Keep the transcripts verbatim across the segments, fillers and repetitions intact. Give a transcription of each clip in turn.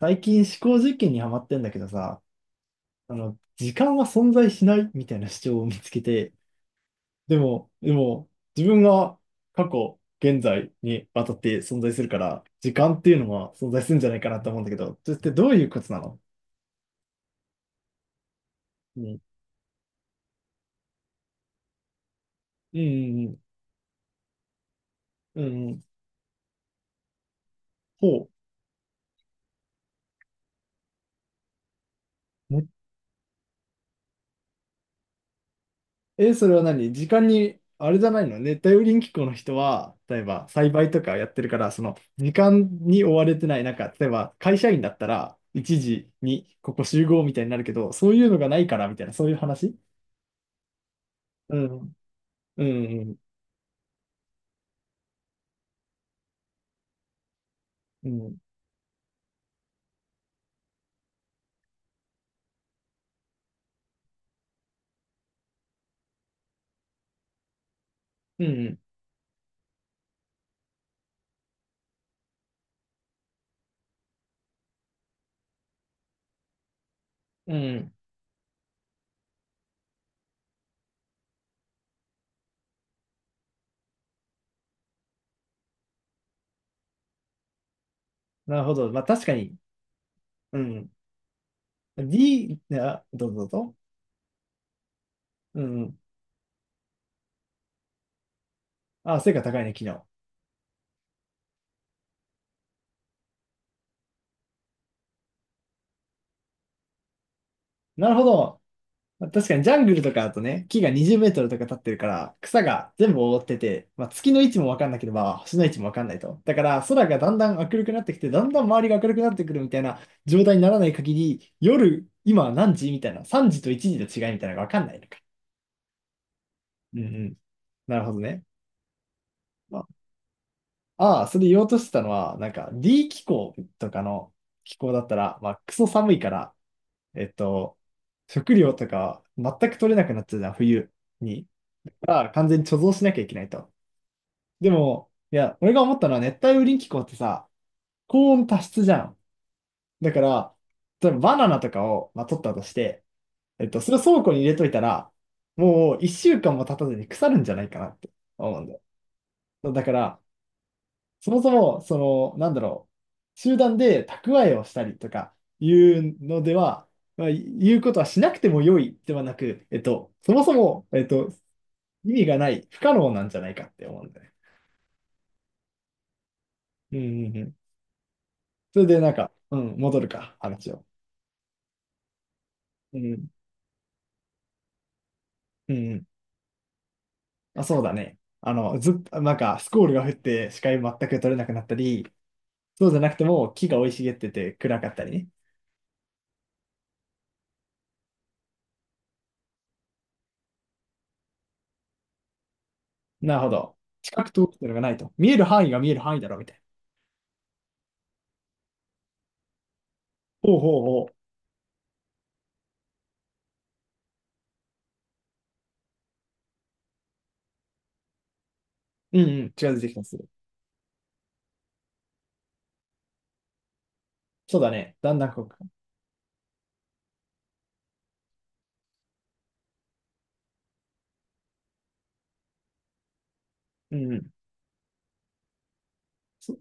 最近思考実験にハマってんだけどさ、あの、時間は存在しないみたいな主張を見つけて、でも、でも、自分が過去、現在にわたって存在するから、時間っていうのは存在するんじゃないかなと思うんだけど、それってどういうことなの？うん、うん、うん、うん、うん。ほう。え、それは何時間に、あれじゃないの？熱帯雨林気候の人は、例えば栽培とかやってるから、その時間に追われてない、なんか、例えば会社員だったら、いちじにここ集合みたいになるけど、そういうのがないから、みたいな、そういう話？うん。うん。うん。うん。うん。なるほど。まあ、確かに。うん。D、あ、どうぞどうぞ。うん。あ、成果高いね、昨日。なるほど。まあ確かにジャングルとかだとね、木がにじゅうメートルとか立ってるから、草が全部覆ってて、まあ、月の位置もわかんなければ、星の位置もわかんないと。だから、空がだんだん明るくなってきて、だんだん周りが明るくなってくるみたいな状態にならない限り、夜、今は何時みたいな、さんじといちじの違いみたいなのがわかんないのか。うん、うん。なるほどね。まあ、ああ、それ言おうとしてたのは、なんか D 気候とかの気候だったら、まあ、クソ寒いから、えっと、食料とか全く取れなくなっちゃうじゃん、冬に。が完全に貯蔵しなきゃいけないと。でも、いや、俺が思ったのは熱帯雨林気候ってさ、高温多湿じゃん。だから、例えばバナナとかを、まあ、取ったとして、えっと、それを倉庫に入れといたら、もういっしゅうかんも経たずに腐るんじゃないかなって思うんだよ。だから、そもそも、その、なんだろう、集団で蓄えをしたりとかいうのでは、まあ、言うことはしなくても良いではなく、えっと、そもそも、えっと、意味がない、不可能なんじゃないかって思うんだよね。うん、うん、うん。それでなんか、うん、戻るか、話を。うん、うん。まあ、そうだね。あの、ずっと、なんか、スコールが降って視界全く取れなくなったり、そうじゃなくても木が生い茂ってて暗かったりね。なるほど。近く通ってのがないと。見える範囲が見える範囲だろ、みたいな。ほう、ほう、ほう。うん、うん、近づいてきたりする。そうだね。だんだんこうか。うん、うん。そ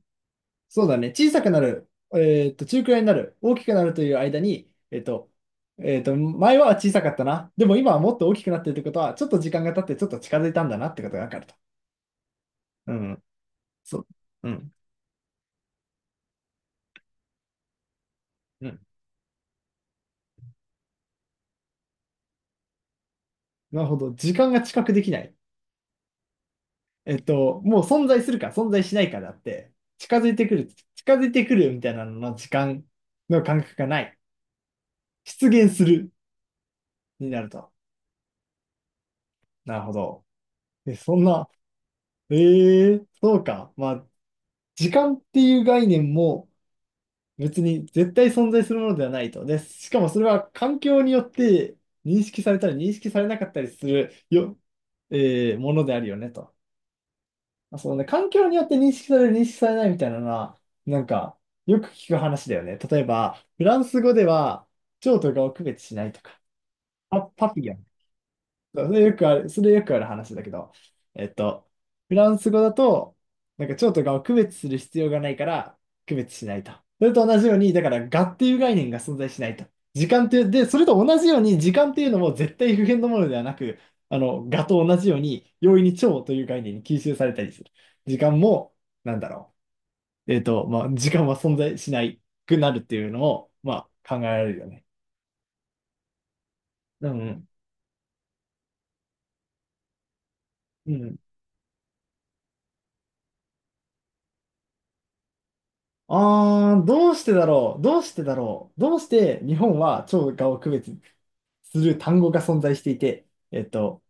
そうだね。小さくなる、えーっと、中くらいになる、大きくなるという間に、えーっと、えーっと、前は小さかったな。でも今はもっと大きくなってるってことは、ちょっと時間が経ってちょっと近づいたんだなってことがわかると。うん。そう。うん。うん。なるほど。時間が知覚できない。えーっと、もう存在するか存在しないかだって、近づいてくる、近づいてくるみたいなのの時間の感覚がない。出現するになると。なるほど。え、そんな、えー、そうか。まあ、時間っていう概念も、別に絶対存在するものではないと。で、しかもそれは環境によって認識されたり認識されなかったりするよ、えーものであるよねと。まあそうね、環境によって認識される、認識されないみたいなのは、なんか、よく聞く話だよね。例えば、フランス語では、蝶とかを区別しないとか、パ、パピヨン。そうそれよくある、それよくある話だけど、えっと、フランス語だと、なんか蝶と蛾を区別する必要がないから、区別しないと。それと同じように、だから蛾っていう概念が存在しないと。時間っていう、で、それと同じように、時間っていうのも絶対不変のものではなく、あの、蛾と同じように、容易に蝶という概念に吸収されたりする。時間も、なんだろう。えっと、まあ、時間は存在しないくなるっていうのを、まあ、考えられるよね。うん、うん。うん。あー、どうしてだろうどうしてだろうどうして日本は超がを区別する単語が存在していて、えっと、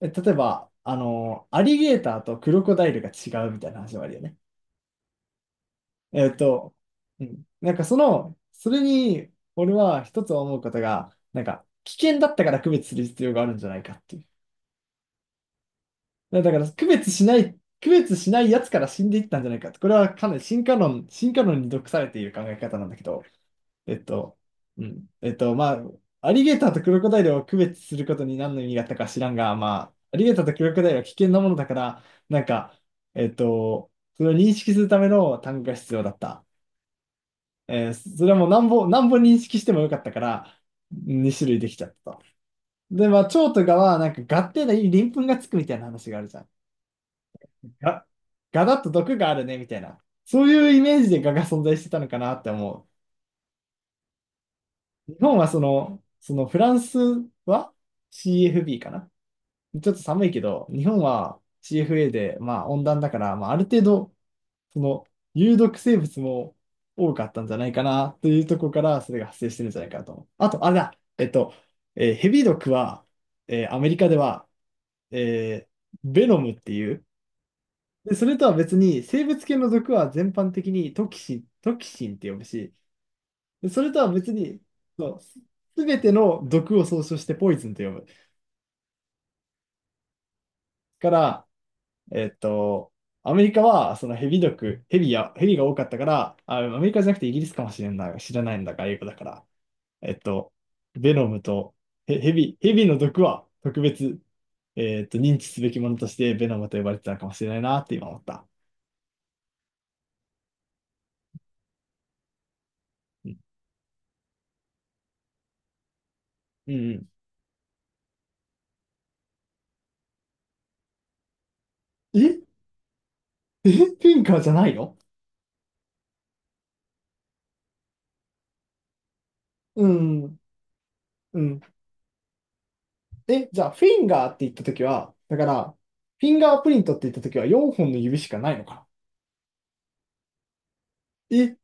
え例えば、あの、アリゲーターとクロコダイルが違うみたいな話もあるよね。えっと、うん。なんかその、それに、俺は一つ思うことが、なんか、危険だったから区別する必要があるんじゃないかっていう。だだから、区別しない、区別しないやつから死んでいったんじゃないかって。これはかなり進化論、進化論に毒されている考え方なんだけど、えっと、うん。えっと、まあ、アリゲーターとクロコダイルを区別することに何の意味があったか知らんが、まあ、アリゲーターとクロコダイルは危険なものだから、なんか、えっと、それを認識するための単語が必要だった。えーそれはもう何本、何本認識してもよかったから、にしゅるい種類できちゃったと。で、まあ、蝶とかは、なんか、ガっていい鱗粉がつくみたいな話があるじゃん。ガ、ガだと毒があるね、みたいな。そういうイメージでガが存在してたのかなって思う。日本はその、そのフランスは シーエフビー かな。ちょっと寒いけど、日本は シーエフエー で、まあ温暖だから、まあある程度、その有毒生物も多かったんじゃないかなというところからそれが発生してるんじゃないかなと思う。あと、あれだ、えっと、えーヘビ毒は、えーアメリカでは、えーベノムっていう。で、それとは別に生物系の毒は全般的にトキシン、トキシンって呼ぶし、でそれとは別に、そう、すすべての毒を総称してポイズンと呼ぶ。から、えっと、アメリカはそのヘビ毒、ヘビや、ヘビが多かったから、あ、アメリカじゃなくてイギリスかもしれない、知らないんだが、英語だから。えっと、ベノムとヘ、ヘビ、ヘビの毒は特別、えっと、認知すべきものとしてベノムと呼ばれてたのかもしれないなって今思った。うん。うん、うん。ええ、フィンカーじゃないの？うん。うん。え、じゃあ、フィンガーって言ったときは、だから、フィンガープリントって言ったときはよんほんの指しかないのかな。え、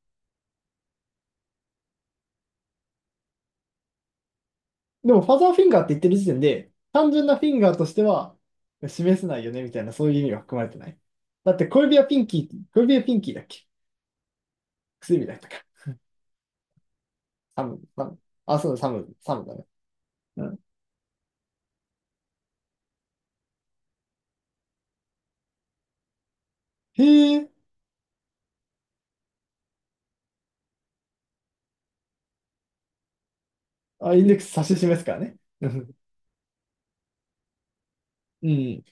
でも、ファザーフィンガーって言ってる時点で、単純なフィンガーとしては示せないよね、みたいな、そういう意味は含まれてない。だって、小指はピンキー、小指はピンキーだっけ？薬指だったか。サム、サム。あ、そうだ、サム、サムだね。うん。へえ。あ、インデックス指し示すからね。うん。うん。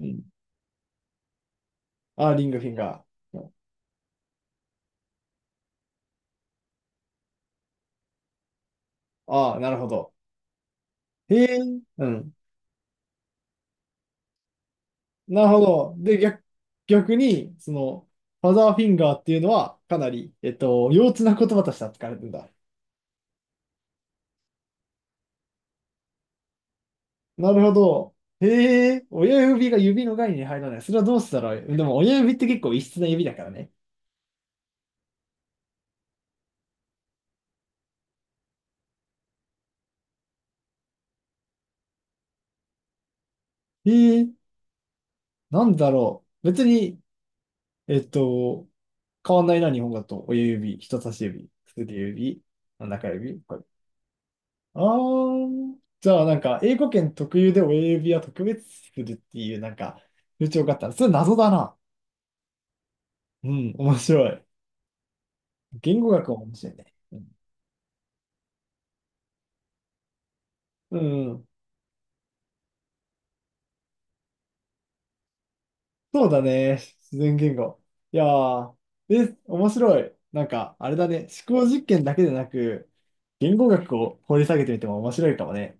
うん。あ、リングフィンガー。ああ、なるほど。へえ。うん。なるほど。で、逆、逆に、その、ファザーフィンガーっていうのは、かなり、えっと、幼稚な言葉として扱われてるんだ。なるほど。へえ、親指が指の概念に入らない。それはどうしたらいい、でも親指って結構異質な指だからね。へえ、なんだろう。別に、えっと、変わんないな、日本語だと。親指、人差し指、薬指、中指、これ。あー、じゃあなんか、英語圏特有で親指は特別するっていう、なんか、風潮があったら、それ謎だな。うん、面白い。言語学も面白いね。うん。うん、うん。そうだね。自然言語。いやー、え、面白い。なんか、あれだね。思考実験だけでなく、言語学を掘り下げてみても面白いかもね。